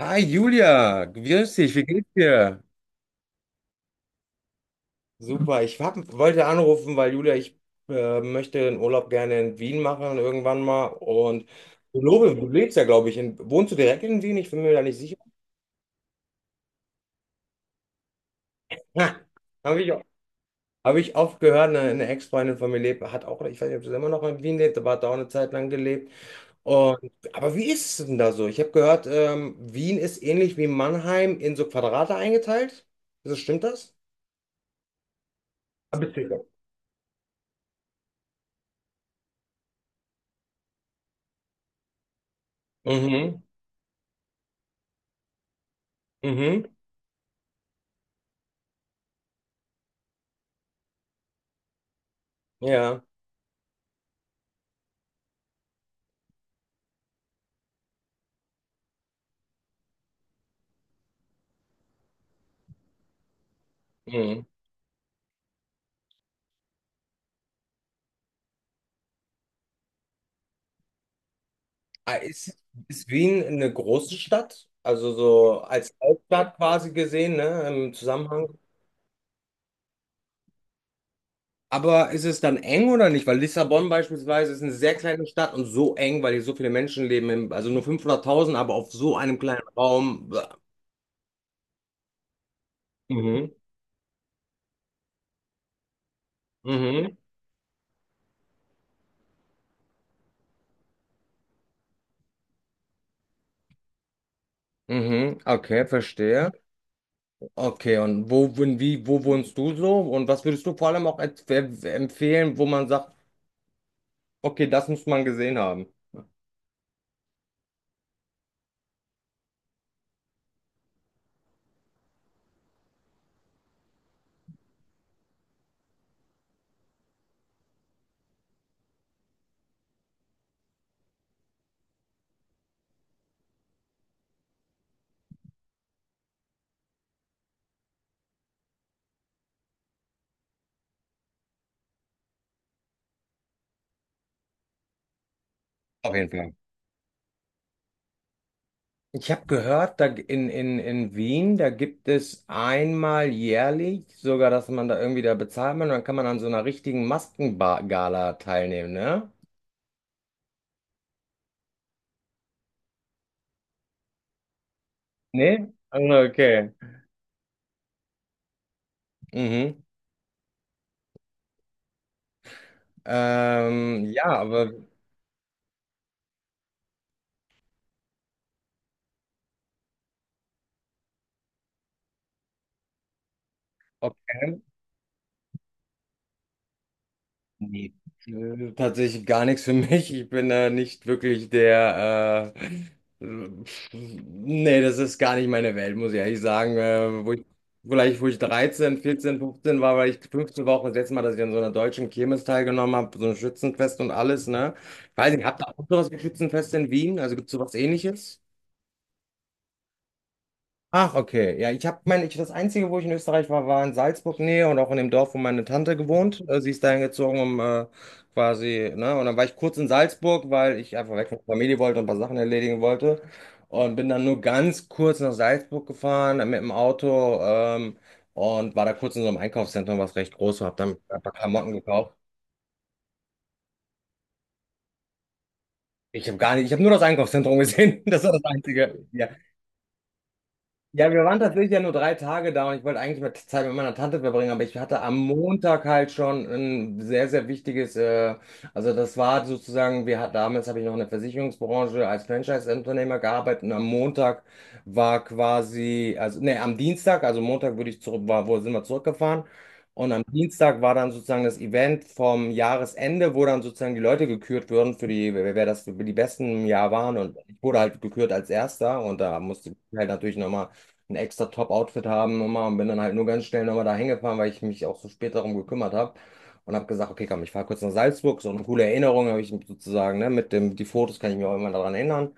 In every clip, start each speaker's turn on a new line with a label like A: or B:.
A: Hi Julia, grüß dich, wie geht's dir? Super, wollte anrufen, weil Julia, ich möchte den Urlaub gerne in Wien machen irgendwann mal. Und du, Lore, du lebst ja, glaube ich, wohnst du direkt in Wien? Ich bin mir da nicht sicher. Ha, habe ich, Hab ich oft gehört, eine Ex-Freundin von mir lebt, hat auch, ich weiß nicht, ob sie immer noch in Wien lebt, aber hat da auch eine Zeit lang gelebt. Und, aber wie ist es denn da so? Ich habe gehört, Wien ist ähnlich wie Mannheim in so Quadrate eingeteilt. Stimmt das? Ah, bist Mhm, mhm. Ja. Mhm. Ah, Ist, Ist Wien eine große Stadt? Also so als Hauptstadt quasi gesehen, ne, im Zusammenhang. Aber ist es dann eng oder nicht? Weil Lissabon beispielsweise ist eine sehr kleine Stadt und so eng, weil hier so viele Menschen leben, also nur 500.000, aber auf so einem kleinen Raum. Bäh. Mhm. Mhm. Mhm. Okay, verstehe. Okay, wo wohnst du so? Und was würdest du vor allem auch empfehlen, wo man sagt, okay, das muss man gesehen haben? Auf jeden Fall. Ich habe gehört, da in Wien, da gibt es einmal jährlich sogar, dass man da irgendwie da bezahlt man und dann kann man an so einer richtigen Maskengala teilnehmen, ne? Nee? Also, okay. Mhm. Ja, aber okay. Nee. Nö, tatsächlich gar nichts für mich. Ich bin da nicht wirklich der. Nee, das ist gar nicht meine Welt, muss ich ehrlich sagen. Vielleicht, wo ich 13, 14, 15 war, weil ich 15 war auch das letzte Mal, dass ich an so einer deutschen Kirmes teilgenommen habe, so ein Schützenfest und alles, ne? Ich weiß nicht, habt ihr auch sowas wie Schützenfest in Wien? Also gibt es sowas Ähnliches? Ach, okay. Ja, ich habe meine, ich, das Einzige, wo ich in Österreich war, war in Salzburg-Nähe und auch in dem Dorf, wo meine Tante gewohnt. Sie ist dahin gezogen, um quasi, ne? Und dann war ich kurz in Salzburg, weil ich einfach weg von der Familie wollte und ein paar Sachen erledigen wollte. Und bin dann nur ganz kurz nach Salzburg gefahren mit dem Auto und war da kurz in so einem Einkaufszentrum, was recht groß war, habe dann ein paar Klamotten gekauft. Ich habe gar nicht, Ich habe nur das Einkaufszentrum gesehen. Das war das Einzige. Ja. Ja, wir waren tatsächlich ja nur 3 Tage da und ich wollte eigentlich mal Zeit mit meiner Tante verbringen, aber ich hatte am Montag halt schon ein sehr, sehr wichtiges, also das war sozusagen, wir hatten damals habe ich noch in der Versicherungsbranche als Franchise-Unternehmer gearbeitet und am Montag war quasi, also nee, am Dienstag, also Montag würde ich zurück, war, wo sind wir zurückgefahren und am Dienstag war dann sozusagen das Event vom Jahresende, wo dann sozusagen die Leute gekürt wurden für die, wer das für die besten im Jahr waren, und ich wurde halt gekürt als Erster und da musste ich halt natürlich nochmal ein extra Top-Outfit haben immer und bin dann halt nur ganz schnell nochmal da hingefahren, weil ich mich auch so spät darum gekümmert habe und habe gesagt, okay, komm, ich fahre kurz nach Salzburg, so eine coole Erinnerung habe ich sozusagen, ne, mit dem, die Fotos kann ich mir auch immer daran erinnern.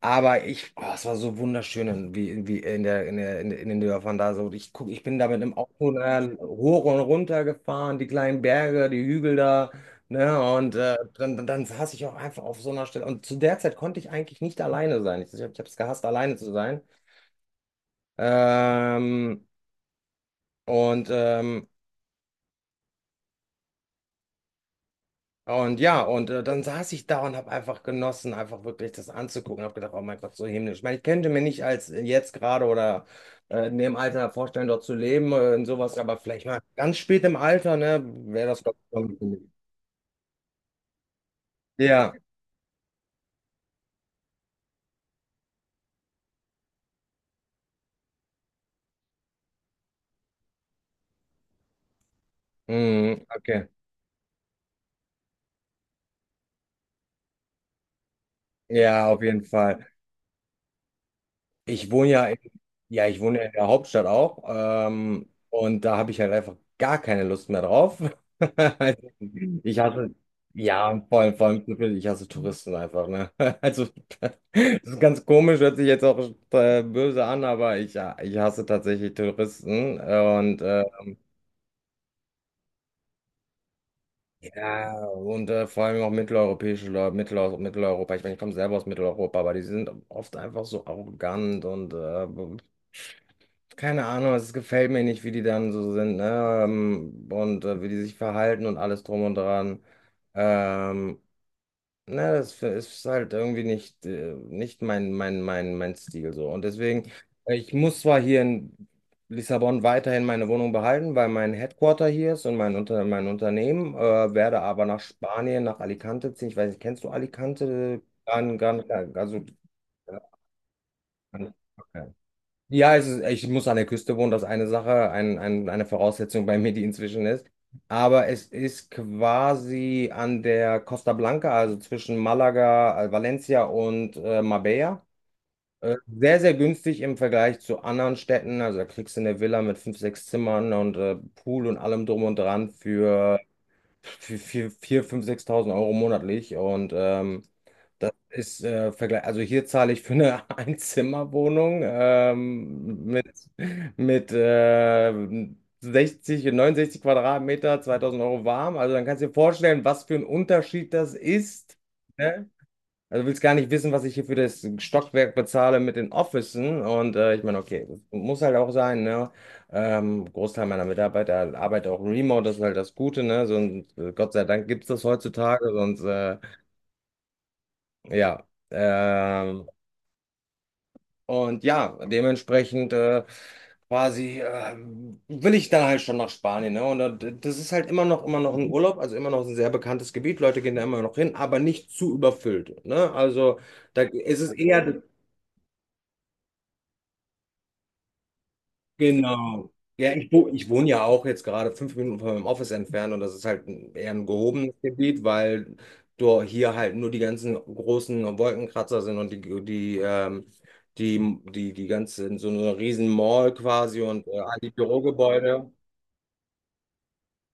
A: Aber ich, oh, es war so wunderschön, wie in den Dörfern da so. Ich bin da mit dem Auto hoch und runter gefahren, die kleinen Berge, die Hügel da, ne, und dann saß ich auch einfach auf so einer Stelle. Und zu der Zeit konnte ich eigentlich nicht alleine sein. Ich habe es gehasst, alleine zu sein. Ähm, und, ähm, und ja, und dann saß ich da und habe einfach genossen, einfach wirklich das anzugucken. Habe gedacht, oh mein Gott, so himmlisch. Ich meine, ich könnte mir nicht als jetzt gerade oder in dem Alter vorstellen, dort zu leben und sowas, aber vielleicht mal ganz spät im Alter, ne, wäre das, glaube ich, schon. Ja, mhm, okay. Ja, auf jeden Fall. Ich wohne ja in, Ja, ich wohne in der Hauptstadt auch. Und da habe ich halt einfach gar keine Lust mehr drauf. Also, Ich hasse, ja, und vor allem, ich hasse Touristen einfach, ne? Also, das ist ganz komisch, hört sich jetzt auch böse an, ja, ich hasse tatsächlich Touristen. Und ja, und vor allem auch mitteleuropäische Leute, Mitteleuropa. Ich meine, ich komme selber aus Mitteleuropa, aber die sind oft einfach so arrogant und keine Ahnung, es gefällt mir nicht, wie die dann so sind, ne? Und wie die sich verhalten und alles drum und dran. Ähm, ne, das ist halt irgendwie nicht, nicht mein Stil so. Und deswegen, ich muss zwar hier in Lissabon weiterhin meine Wohnung behalten, weil mein Headquarter hier ist und mein Unternehmen, werde aber nach Spanien, nach Alicante ziehen. Ich weiß nicht, kennst du Alicante? Also, ja, ja, ich muss an der Küste wohnen, das ist eine Sache, eine Voraussetzung bei mir, die inzwischen ist. Aber es ist quasi an der Costa Blanca, also zwischen Malaga, Valencia und Marbella. Sehr, sehr günstig im Vergleich zu anderen Städten. Also da kriegst du eine Villa mit fünf, sechs Zimmern und Pool und allem drum und dran für fünf, 6.000 Euro monatlich. Und das ist Vergleich. Also hier zahle ich für eine Einzimmerwohnung mit 60 und 69 Quadratmeter, 2.000 Euro warm. Also dann kannst du dir vorstellen, was für ein Unterschied das ist. Ne? Also du willst gar nicht wissen, was ich hier für das Stockwerk bezahle mit den Officen. Und ich meine, okay, das muss halt auch sein. Ne? Großteil meiner Mitarbeiter arbeitet auch remote, das ist halt das Gute. Ne? So, Gott sei Dank gibt es das heutzutage, sonst ja. Und ja, dementsprechend quasi will ich dann halt schon nach Spanien. Ne? Und das ist halt immer noch ein Urlaub, also immer noch ein sehr bekanntes Gebiet. Leute gehen da immer noch hin, aber nicht zu überfüllt. Ne? Also da ist es eher, genau. Ja, ich wohne ja auch jetzt gerade 5 Minuten von meinem Office entfernt und das ist halt eher ein gehobenes Gebiet, weil hier halt nur die ganzen großen Wolkenkratzer sind und die ganze, so eine riesen Mall quasi und all die Bürogebäude.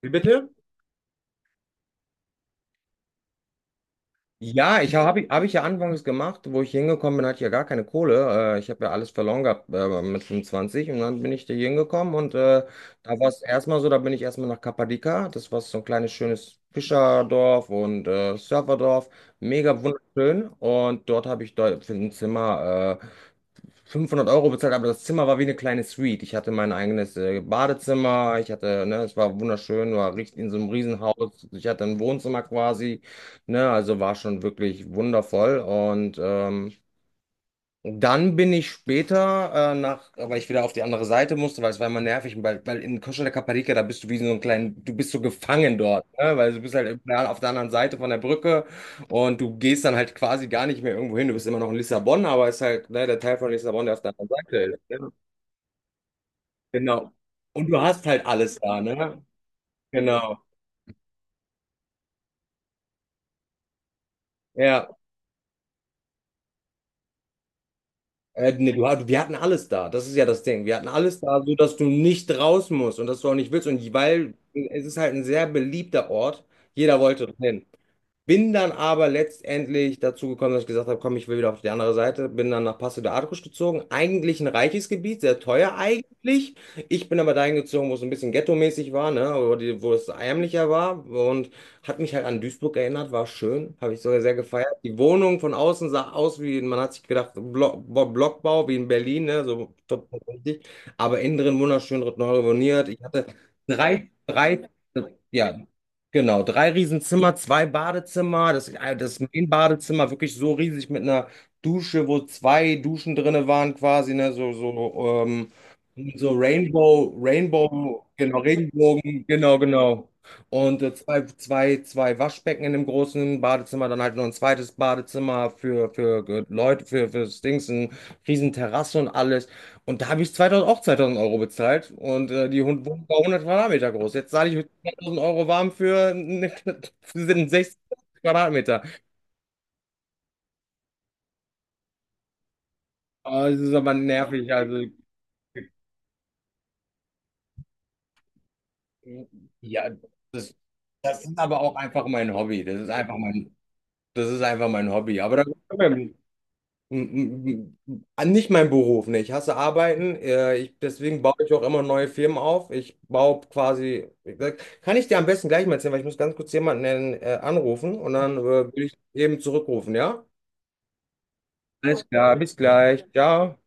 A: Wie bitte? Ja, hab ich ja anfangs gemacht, wo ich hingekommen bin, hatte ich ja gar keine Kohle. Ich habe ja alles verloren gehabt mit 25 und dann bin ich da hingekommen und da war es erstmal so, da bin ich erstmal nach Kappadika. Das war so ein kleines schönes Fischerdorf und Surferdorf, mega wunderschön, und dort habe ich dort für ein Zimmer 500 Euro bezahlt, aber das Zimmer war wie eine kleine Suite. Ich hatte mein eigenes Badezimmer, ich hatte, ne, es war wunderschön, war richtig in so einem Riesenhaus. Ich hatte ein Wohnzimmer quasi. Ne, also war schon wirklich wundervoll. Und dann bin ich später, nach, weil ich wieder auf die andere Seite musste, weil es war immer nervig, weil in Costa de Caparica, da bist du wie so ein kleinen, du bist so gefangen dort, ne? Weil du bist halt immer auf der anderen Seite von der Brücke und du gehst dann halt quasi gar nicht mehr irgendwo hin. Du bist immer noch in Lissabon, aber es ist halt, ne, der Teil von Lissabon, der auf der anderen Seite ist. Ne? Genau. Und du hast halt alles da, ne? Genau. Ja. Nee, wir hatten alles da. Das ist ja das Ding. Wir hatten alles da, so dass du nicht raus musst und dass du auch nicht willst. Und weil es ist halt ein sehr beliebter Ort. Jeder wollte hin. Bin dann aber letztendlich dazu gekommen, dass ich gesagt habe, komm, ich will wieder auf die andere Seite. Bin dann nach Passo de Arcos gezogen. Eigentlich ein reiches Gebiet, sehr teuer eigentlich. Ich bin aber dahin gezogen, wo es ein bisschen ghetto-mäßig war, ne? Wo es ärmlicher war. Und hat mich halt an Duisburg erinnert, war schön. Habe ich sogar sehr gefeiert. Die Wohnung von außen sah aus wie, man hat sich gedacht, Blockbau wie in Berlin, ne? So top, richtig. Aber innen drin wunderschön, neu renoviert. Ich hatte drei, drei, ja, genau, drei Riesenzimmer, zwei Badezimmer. Das, das Main-Badezimmer wirklich so riesig mit einer Dusche, wo zwei Duschen drinne waren quasi, ne? Rainbow, Rainbow, genau, Regenbogen, genau, genau. Und zwei Waschbecken in dem großen Badezimmer, dann halt noch ein zweites Badezimmer für Leute, für Dings, eine riesen Terrasse und alles. Und da habe ich 2.000, auch 2.000 Euro bezahlt, und die Hund Wohnung war 100 Quadratmeter groß. Jetzt zahle ich 2.000 Euro warm für, für sind 60 Quadratmeter. Aber das ist aber nervig, also ja, das, das ist aber auch einfach mein Hobby, das ist einfach mein. Das ist einfach mein Hobby. Aber da m- m- nicht mein Beruf, ne? Ich hasse Arbeiten. Ich, deswegen baue ich auch immer neue Firmen auf. Ich baue quasi. Kann ich dir am besten gleich mal erzählen, weil ich muss ganz kurz jemanden anrufen und dann will ich eben zurückrufen, ja? Alles klar, bis gleich. Ciao.